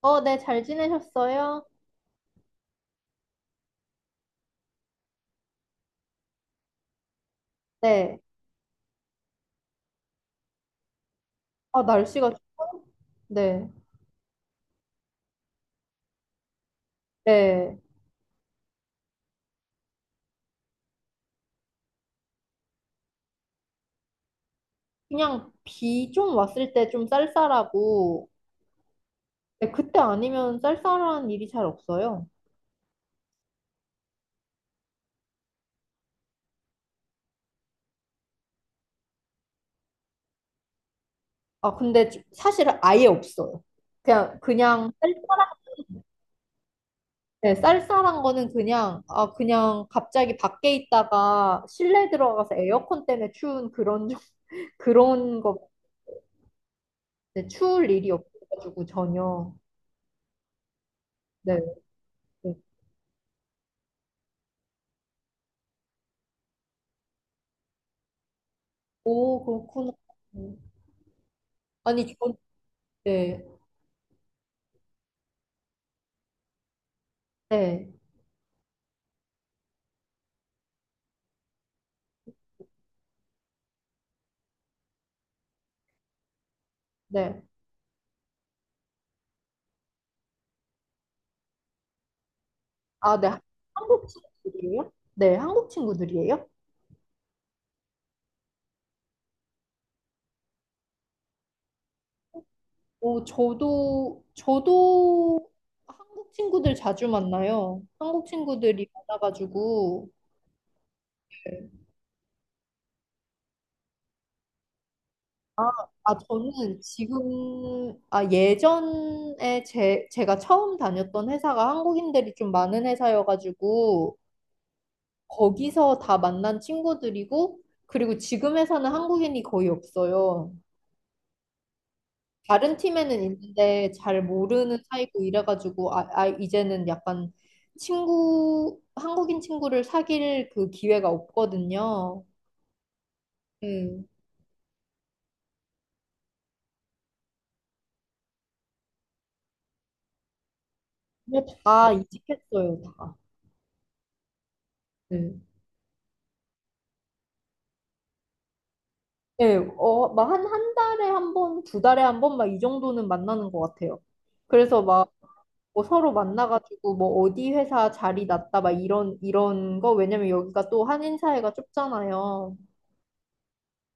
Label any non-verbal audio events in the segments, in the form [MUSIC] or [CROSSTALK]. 어, 네, 잘 지내셨어요? 네. 아, 날씨가 좋아요? 네. 네. 그냥 비 좀 왔을 때 좀 쌀쌀하고, 네, 그때 아니면 쌀쌀한 일이 잘 없어요. 아, 근데 사실은 아예 없어요. 그냥 쌀쌀한, 네, 쌀쌀한 거는 그냥, 아, 그냥 갑자기 밖에 있다가 실내 들어가서 에어컨 때문에 추운 그런, [LAUGHS] 그런 거, 네, 추울 일이 없어가지고 전혀. 네. 네. 오, 그렇구나. 아니, 네, 네, 네. 아, 네. 한국 친구들이에요? 네, 한국 친구들이에요? 오, 저도 한국 친구들 자주 만나요. 한국 친구들이 많아가지고. 네. 아, 저는 지금, 아, 예전에 제가 처음 다녔던 회사가 한국인들이 좀 많은 회사여가지고, 거기서 다 만난 친구들이고, 그리고 지금 회사는 한국인이 거의 없어요. 다른 팀에는 있는데 잘 모르는 사이고 이래가지고 아, 아 이제는 약간 친구 한국인 친구를 사귈 그 기회가 없거든요. 음. 근데 다 이직했어요, 다. 네. 예, 어, 막 한 달에 한 번, 두 달에 한 번, 막 이 정도는 만나는 것 같아요. 그래서 막, 뭐 서로 만나가지고, 뭐, 어디 회사 자리 났다, 막 이런, 이런 거, 왜냐면 여기가 또 한인 사회가 좁잖아요.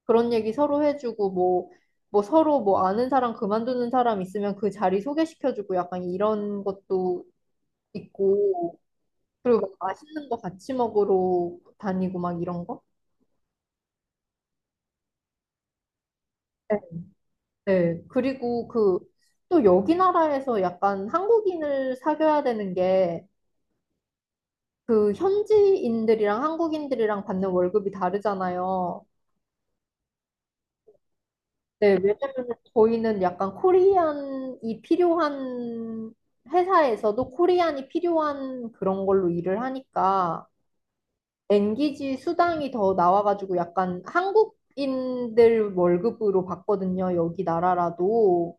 그런 얘기 서로 해주고 뭐, 뭐 서로 뭐 아는 사람 그만두는 사람 있으면 그 자리 소개시켜주고 약간 이런 것도 있고 그리고 막 맛있는 거 같이 먹으러 다니고 막 이런 거? 네. 네. 그리고 그 또 여기 나라에서 약간 한국인을 사귀어야 되는 게 그 현지인들이랑 한국인들이랑 받는 월급이 다르잖아요. 네, 왜냐면 저희는 약간 코리안이 필요한 회사에서도 코리안이 필요한 그런 걸로 일을 하니까 엔기지 수당이 더 나와가지고 약간 한국인들 월급으로 받거든요. 여기 나라라도.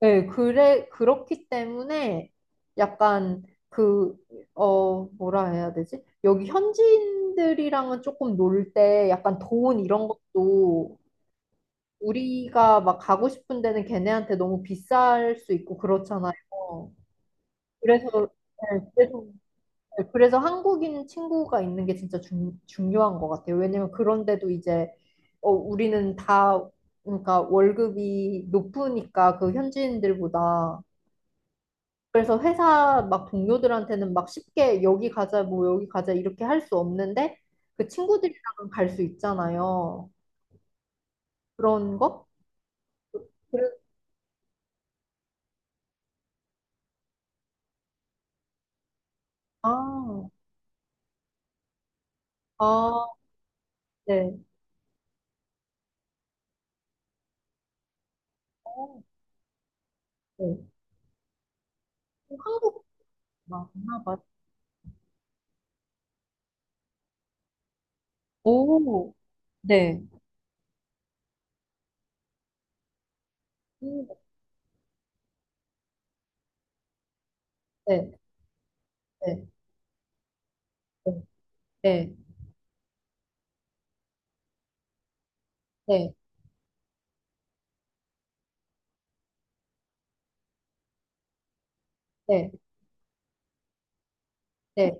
네, 그래, 그렇기 때문에 약간 그, 어, 뭐라 해야 되지? 여기 현지인들이랑은 조금 놀 때 약간 돈 이런 것도 우리가 막 가고 싶은 데는 걔네한테 너무 비쌀 수 있고 그렇잖아요. 그래서, 네, 그래서, 네, 그래서 한국인 친구가 있는 게 진짜 중, 중요한 것 같아요. 왜냐면 그런데도 이제, 어, 우리는 다, 그러니까 월급이 높으니까 그 현지인들보다. 그래서 회사 막 동료들한테는 막 쉽게 여기 가자, 뭐 여기 가자 이렇게 할 수 없는데 그 친구들이랑은 갈 수 있잖아요. 그런 거? 그래, 아, 아, 네. 어, 네. 어, 한국 맞나 봐. 오, 네. 음, 네, 네, 네, 네, 네, 네,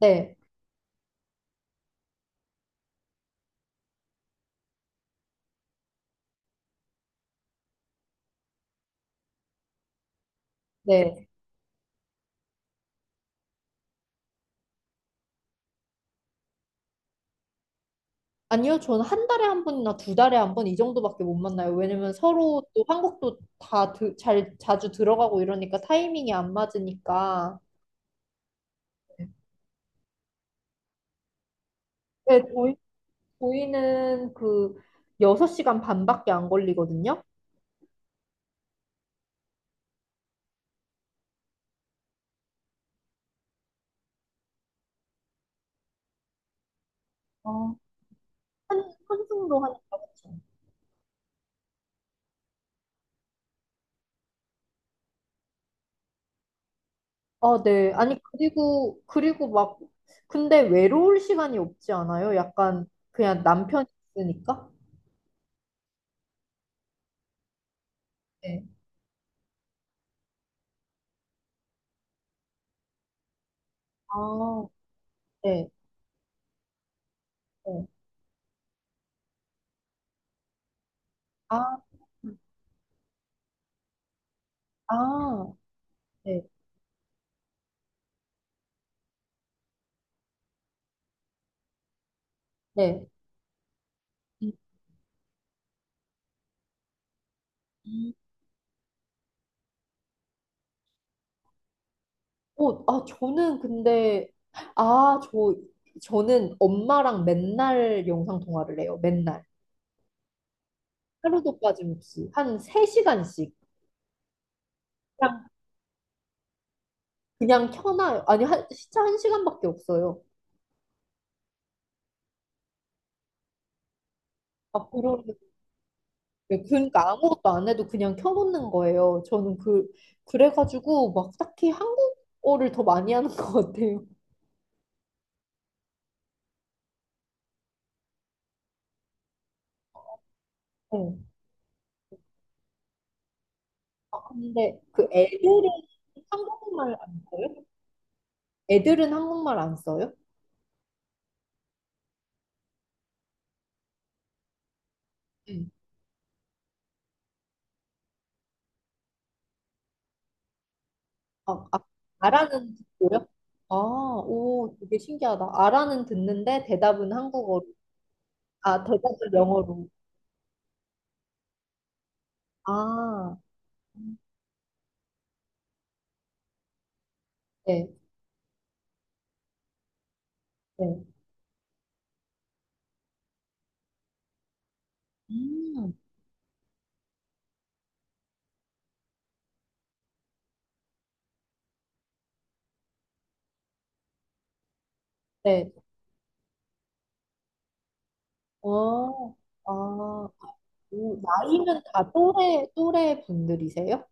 네, 네. 아니요, 저는 한 달에 한 번이나 두 달에 한 번 이 정도밖에 못 만나요. 왜냐면 서로 또 한국도 잘 자주 들어가고 이러니까 타이밍이 안 맞으니까. 네, 저희는 그 6시간 반밖에 안 걸리거든요. 어, 한, 한승도 하니까. 아, 네. 네. 아니, 그리고 막, 근데 외로울 시간이 없지 않아요? 약간, 그냥 남편이 있으니까? 네. 아, 네. 네. 아, 아, 네. 네. 음, 음. 어, 아, 저는 근데, 아, 저, 저는 엄마랑 맨날 영상 통화를 해요. 맨날. 하루도 빠짐없이. 한 3시간씩. 그냥, 그냥 켜놔요. 아니, 한, 진짜 한시간밖에 없어요. 아, 그러 네, 그러니까 아무것도 안 해도 그냥 켜놓는 거예요. 저는 그, 그래가지고 막 딱히 한국어를 더 많이 하는 것 같아요. 네. 아, 근데 그 애들은 한국말 안 써요? 애들은 한국말 안 써요? 응. 아, 아, 아라는 듣고요? 아, 오, 되게 신기하다. 아라는 듣는데 대답은 한국어로. 아, 대답은 영어로. 아, 네, 네. 음, 네. 어, 아, 오, 나이는 다 또래, 또래 분들이세요?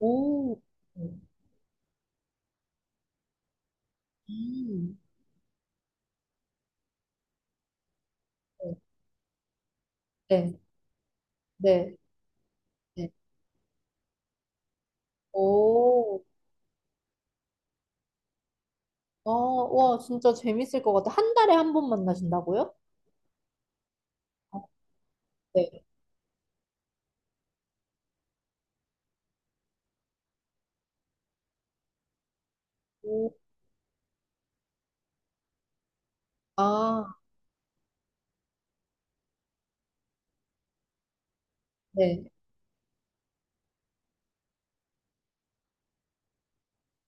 오, 음. 네, 네, 네. 오, 아, 와, 진짜 재밌을 것 같아. 한 달에 한 번 만나신다고요? 아, 네. 오, 아, 네.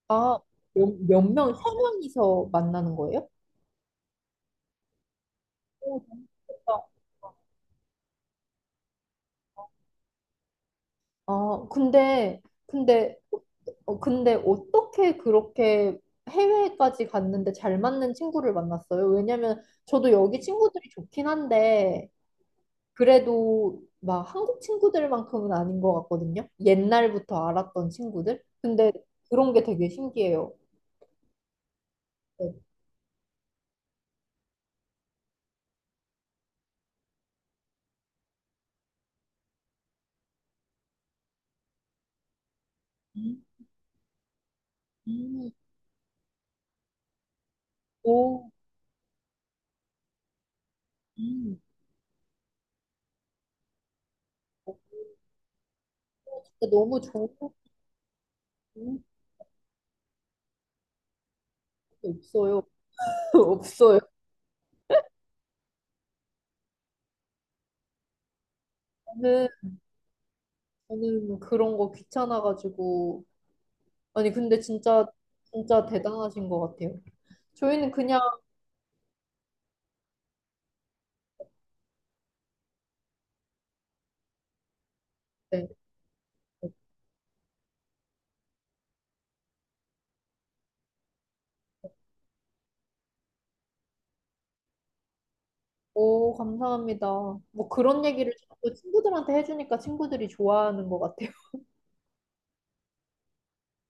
아, 몇, 몇 명, 세 명이서 만나는 거예요? 오, 너무 좋겠다. 아, 근데, 근데, 어, 근데 어떻게 그렇게 해외까지 갔는데 잘 맞는 친구를 만났어요? 왜냐면 저도 여기 친구들이 좋긴 한데, 그래도 막 한국 친구들만큼은 아닌 것 같거든요? 옛날부터 알았던 친구들? 근데 그런 게 되게 신기해요. 네. 음, 음, 오, 음. 어, 진짜 너무 좋은 게 없어요. [LAUGHS] 없어요. 저는, 저는 그런 거 귀찮아가지고. 아니, 근데 진짜, 진짜 대단하신 것 같아요. 저희는 그냥, 네, 오, 감사합니다. 뭐 그런 얘기를 자꾸 친구들한테 해주니까 친구들이 좋아하는 것 같아요.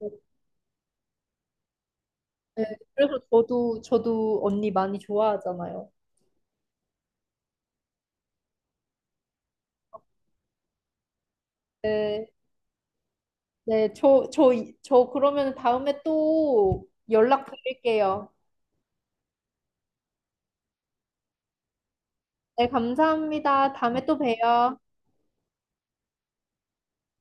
[LAUGHS] 네, 그래서 저도 언니 많이 좋아하잖아요. 네, 네, 저 그러면 다음에 또 연락 드릴게요. 네, 감사합니다. 다음에 또 봬요.